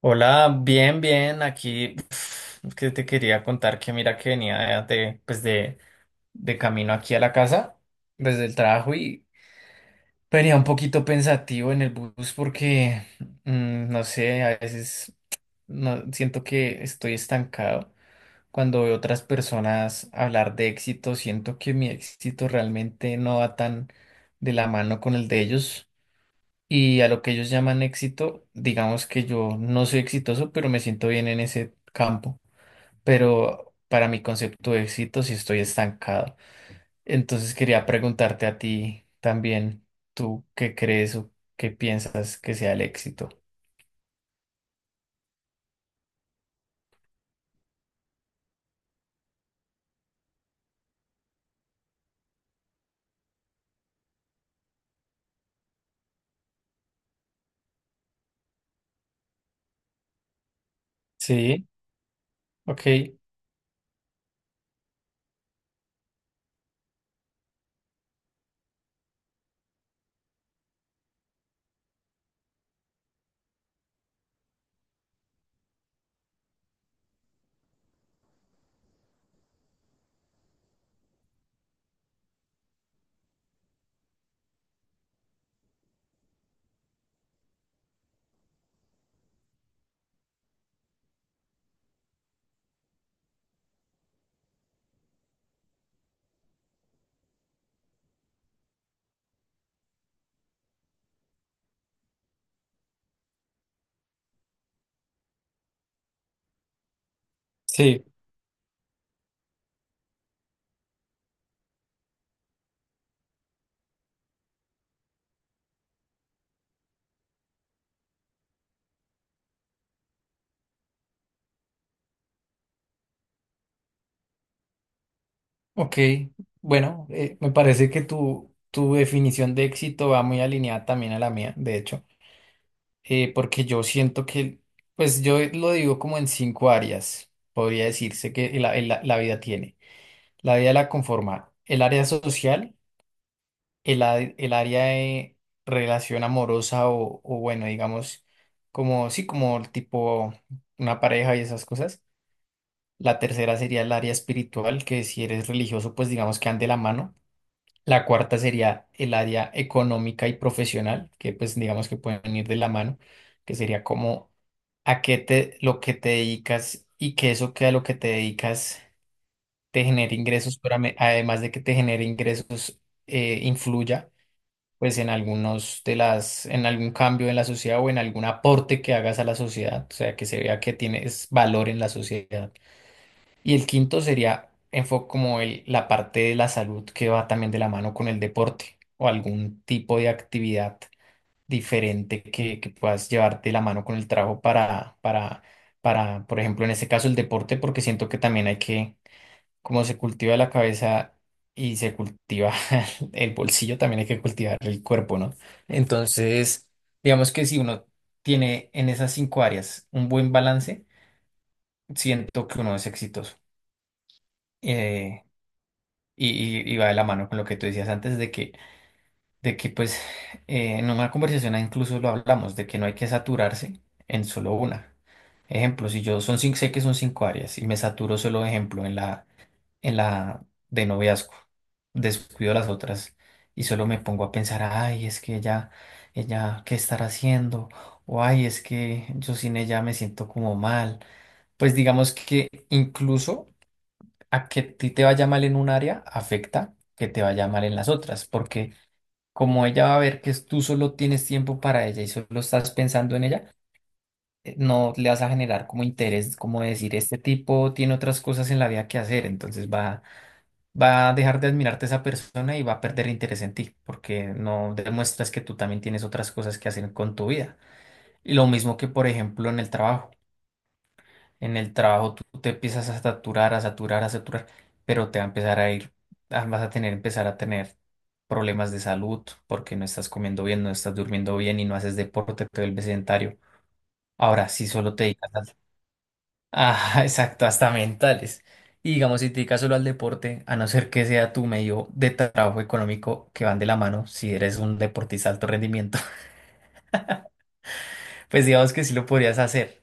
Hola, bien, bien, aquí es que te quería contar que mira que venía pues de camino aquí a la casa, desde el trabajo y venía un poquito pensativo en el bus porque, no sé, a veces no, siento que estoy estancado. Cuando veo otras personas hablar de éxito, siento que mi éxito realmente no va tan de la mano con el de ellos y a lo que ellos llaman éxito, digamos que yo no soy exitoso, pero me siento bien en ese campo. Pero para mi concepto de éxito sí estoy estancado. Entonces quería preguntarte a ti también, ¿tú qué crees o qué piensas que sea el éxito? Sí, ok, sí, ok. Bueno, me parece que tu definición de éxito va muy alineada también a la mía, de hecho. Porque yo siento que, pues yo lo digo como en cinco áreas, podría decirse que la vida tiene. La vida la conforma el área social, el área de relación amorosa o bueno, digamos, como, sí, como el tipo una pareja y esas cosas. La tercera sería el área espiritual, que si eres religioso, pues digamos que ande la mano. La cuarta sería el área económica y profesional, que pues digamos que pueden ir de la mano, que sería como a qué te, lo que te dedicas y que eso que a lo que te dedicas te genere ingresos, pero además de que te genere ingresos, influya pues en algunos de las, en algún cambio en la sociedad o en algún aporte que hagas a la sociedad, o sea, que se vea que tienes valor en la sociedad. Y el quinto sería como el, la parte de la salud que va también de la mano con el deporte o algún tipo de actividad diferente que puedas llevar de la mano con el trabajo para, por ejemplo, en este caso el deporte, porque siento que también hay que, como se cultiva la cabeza y se cultiva el bolsillo, también hay que cultivar el cuerpo, ¿no? Entonces, digamos que si uno tiene en esas cinco áreas un buen balance, siento que uno es exitoso. Eh, Y, y va de la mano con lo que tú decías antes de que pues en una conversación incluso lo hablamos, de que no hay que saturarse en solo una. Ejemplo, si yo son cinco, sé que son cinco áreas y me saturo solo, ejemplo, en la de noviazgo, descuido las otras y solo me pongo a pensar, ay, es que ella, ¿qué estará haciendo? O ay, es que yo sin ella me siento como mal. Pues digamos que incluso a que a ti te vaya mal en un área afecta que te vaya mal en las otras, porque como ella va a ver que tú solo tienes tiempo para ella y solo estás pensando en ella, no le vas a generar como interés, como decir, este tipo tiene otras cosas en la vida que hacer, entonces va, va a dejar de admirarte esa persona y va a perder interés en ti, porque no demuestras que tú también tienes otras cosas que hacer con tu vida. Y lo mismo que, por ejemplo, en el trabajo. En el trabajo tú te empiezas a saturar, a saturar, a saturar, pero te va a empezar a ir, ah, vas a tener, empezar a tener problemas de salud porque no estás comiendo bien, no estás durmiendo bien y no haces deporte, te vuelves sedentario. Ahora, si solo te dedicas al... Ah, exacto, hasta mentales. Y digamos, si te dedicas solo al deporte, a no ser que sea tu medio de trabajo económico que van de la mano, si eres un deportista de alto rendimiento, pues digamos que sí lo podrías hacer.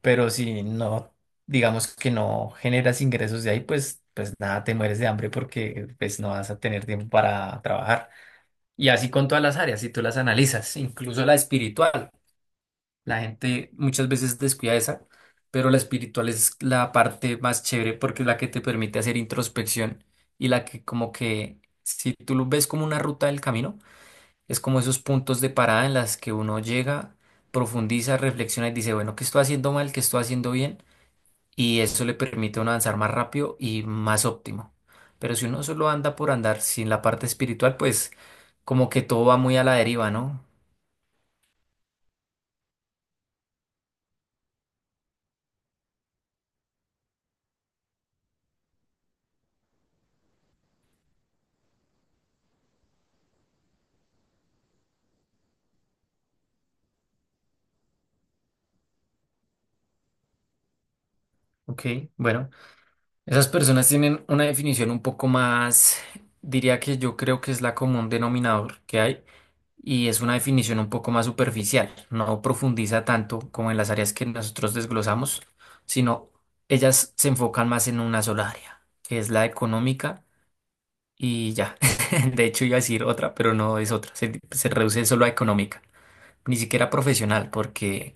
Pero si no, digamos que no generas ingresos de ahí, pues, pues nada, te mueres de hambre porque pues no vas a tener tiempo para trabajar. Y así con todas las áreas, si tú las analizas, incluso la espiritual, la gente muchas veces descuida esa, pero la espiritual es la parte más chévere porque es la que te permite hacer introspección y la que como que, si tú lo ves como una ruta del camino, es como esos puntos de parada en las que uno llega, profundiza, reflexiona y dice, bueno, ¿qué estoy haciendo mal? ¿Qué estoy haciendo bien? Y eso le permite a uno avanzar más rápido y más óptimo. Pero si uno solo anda por andar sin la parte espiritual, pues como que todo va muy a la deriva, ¿no? Ok, bueno, esas personas tienen una definición un poco más, diría que yo creo que es la común denominador que hay, y es una definición un poco más superficial, no profundiza tanto como en las áreas que nosotros desglosamos, sino ellas se enfocan más en una sola área, que es la económica y ya. De hecho, iba a decir otra, pero no es otra. Se reduce solo a económica, ni siquiera profesional, porque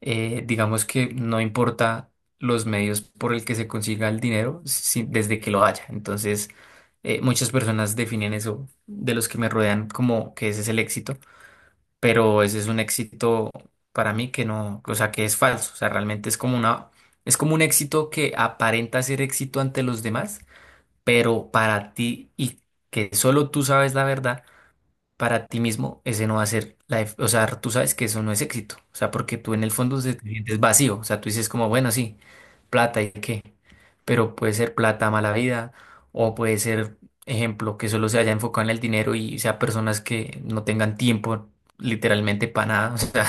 digamos que no importa los medios por el que se consiga el dinero, desde que lo haya. Entonces, muchas personas definen eso de los que me rodean como que ese es el éxito, pero ese es un éxito para mí que no, o sea, que es falso. O sea, realmente es como una, es como un éxito que aparenta ser éxito ante los demás pero para ti y que solo tú sabes la verdad, para ti mismo ese no va a ser la, o sea, tú sabes que eso no es éxito, o sea, porque tú en el fondo te sientes vacío, o sea, tú dices como, bueno, sí, plata y qué. Pero puede ser plata mala vida o puede ser, ejemplo, que solo se haya enfocado en el dinero y sea personas que no tengan tiempo literalmente para nada. O sea,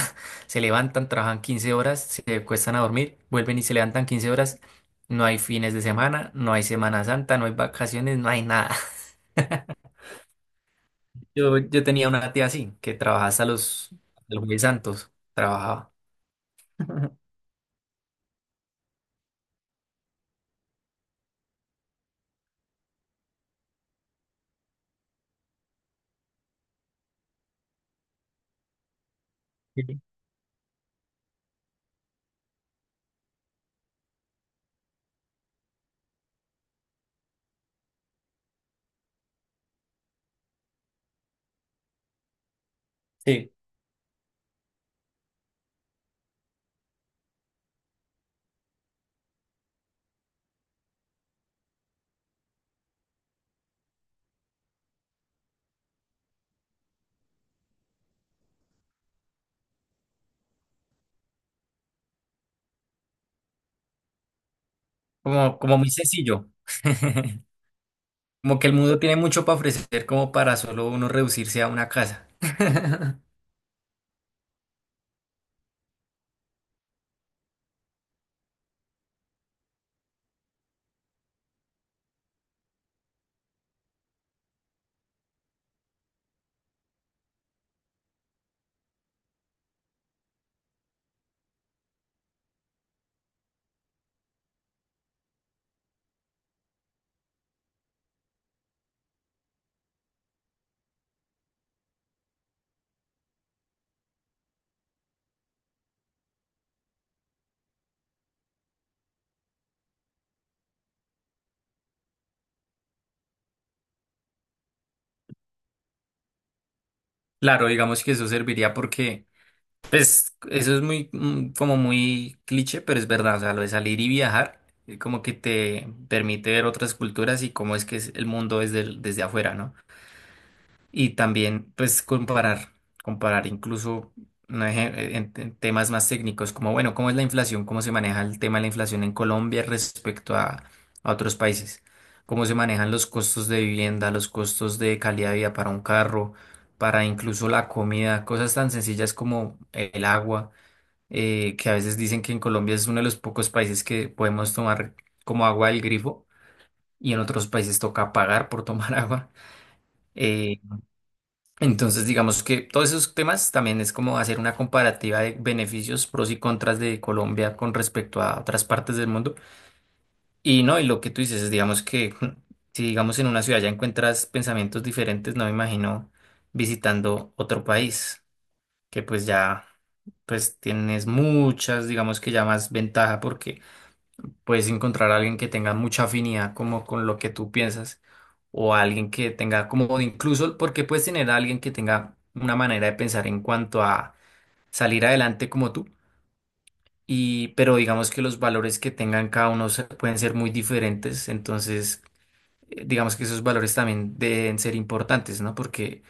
se levantan, trabajan 15 horas, se cuestan a dormir, vuelven y se levantan 15 horas. No hay fines de semana, no hay Semana Santa, no hay vacaciones, no hay nada. Yo tenía una tía así, que trabajaba hasta los jueves santos, trabajaba. Sí. Sí, como, como muy sencillo. Como que el mundo tiene mucho para ofrecer como para solo uno reducirse a una casa. Claro, digamos que eso serviría porque, pues, eso es muy, como muy cliché, pero es verdad, o sea, lo de salir y viajar, como que te permite ver otras culturas y cómo es que es el mundo desde, desde afuera, ¿no? Y también, pues, comparar, comparar incluso no en temas más técnicos, como, bueno, cómo es la inflación, cómo se maneja el tema de la inflación en Colombia respecto a otros países, cómo se manejan los costos de vivienda, los costos de calidad de vida para un carro, para incluso la comida, cosas tan sencillas como el agua, que a veces dicen que en Colombia es uno de los pocos países que podemos tomar como agua del grifo y en otros países toca pagar por tomar agua. eh, entonces, digamos que todos esos temas también es como hacer una comparativa de beneficios, pros y contras de Colombia con respecto a otras partes del mundo. Y no, y lo que tú dices es, digamos que si digamos en una ciudad ya encuentras pensamientos diferentes, no me imagino visitando otro país, que pues ya pues tienes muchas, digamos que ya más ventaja porque puedes encontrar a alguien que tenga mucha afinidad como con lo que tú piensas o alguien que tenga como o incluso porque puedes tener a alguien que tenga una manera de pensar en cuanto a salir adelante como tú y pero digamos que los valores que tengan cada uno pueden ser muy diferentes, entonces digamos que esos valores también deben ser importantes, ¿no? Porque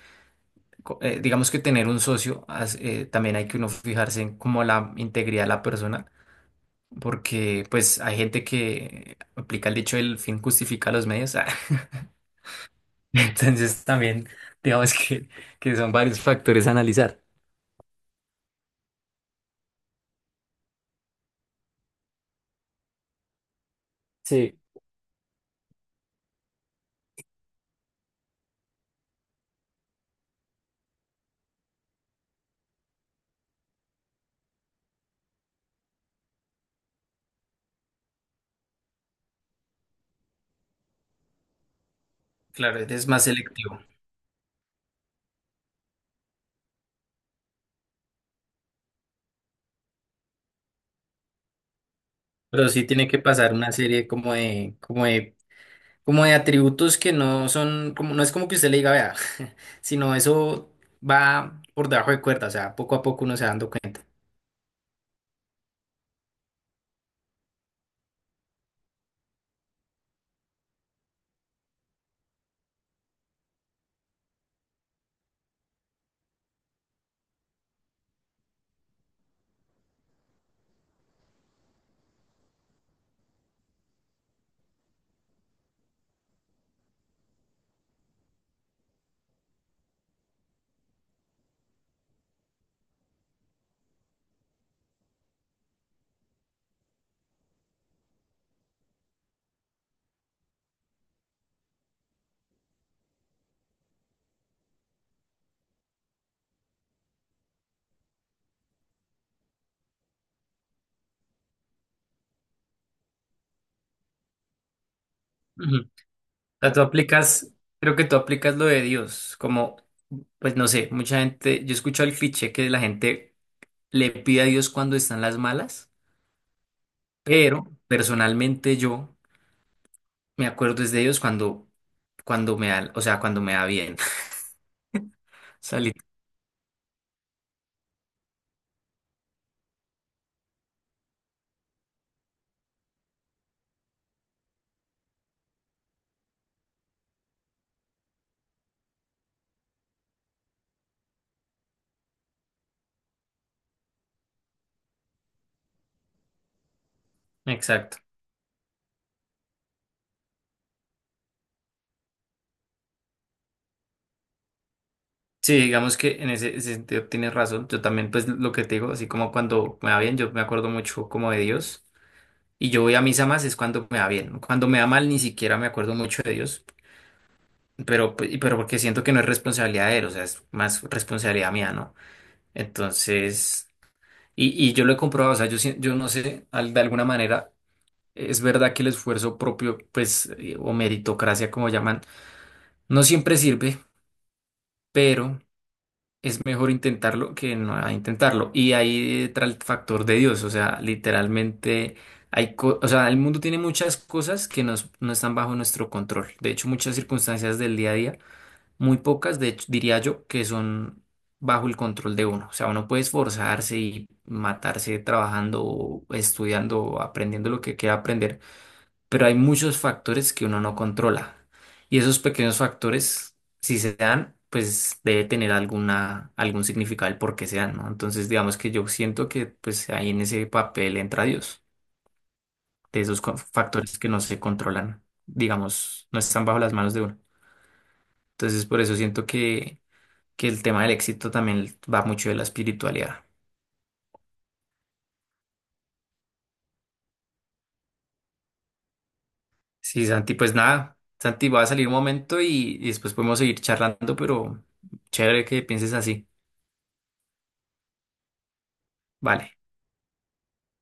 digamos que tener un socio también hay que uno fijarse en como la integridad de la persona porque pues hay gente que aplica el dicho el fin justifica los medios. Ah. Entonces también digamos que son varios factores a analizar. Sí, claro, es más selectivo, pero sí tiene que pasar una serie como de atributos que no son, como, no es como que usted le diga, vea, sino eso va por debajo de cuerda, o sea, poco a poco uno se va dando cuenta. Sea, tú aplicas, creo que tú aplicas lo de Dios, como, pues no sé, mucha gente, yo he escuchado el cliché que la gente le pide a Dios cuando están las malas, pero personalmente yo me acuerdo es de Dios cuando, cuando me da, o sea, cuando me da bien. Salir. Exacto. Sí, digamos que en ese, ese sentido tienes razón. Yo también, pues lo que te digo, así como cuando me va bien, yo me acuerdo mucho como de Dios. Y yo voy a misa más es cuando me va bien. Cuando me va mal, ni siquiera me acuerdo mucho de Dios. Pero, pero porque siento que no es responsabilidad de él, o sea, es más responsabilidad mía, ¿no? Entonces, y yo lo he comprobado, o sea, yo, yo no sé, de alguna manera, es verdad que el esfuerzo propio, pues, o meritocracia, como llaman, no siempre sirve, pero es mejor intentarlo que no intentarlo. Y ahí entra el factor de Dios, o sea, literalmente... Hay o sea, el mundo tiene muchas cosas que nos, no están bajo nuestro control. De hecho, muchas circunstancias del día a día muy pocas, de hecho, diría yo, que son bajo el control de uno. O sea, uno puede esforzarse y matarse trabajando, estudiando, aprendiendo lo que quiera aprender, pero hay muchos factores que uno no controla. Y esos pequeños factores, si se dan, pues debe tener alguna, algún significado el por qué se dan, ¿no? Entonces, digamos que yo siento que pues ahí en ese papel entra Dios, de esos factores que no se controlan, digamos, no están bajo las manos de uno. Entonces, por eso siento que el tema del éxito también va mucho de la espiritualidad. Sí, Santi, pues nada, Santi va a salir un momento y después podemos seguir charlando, pero chévere que pienses así. Vale.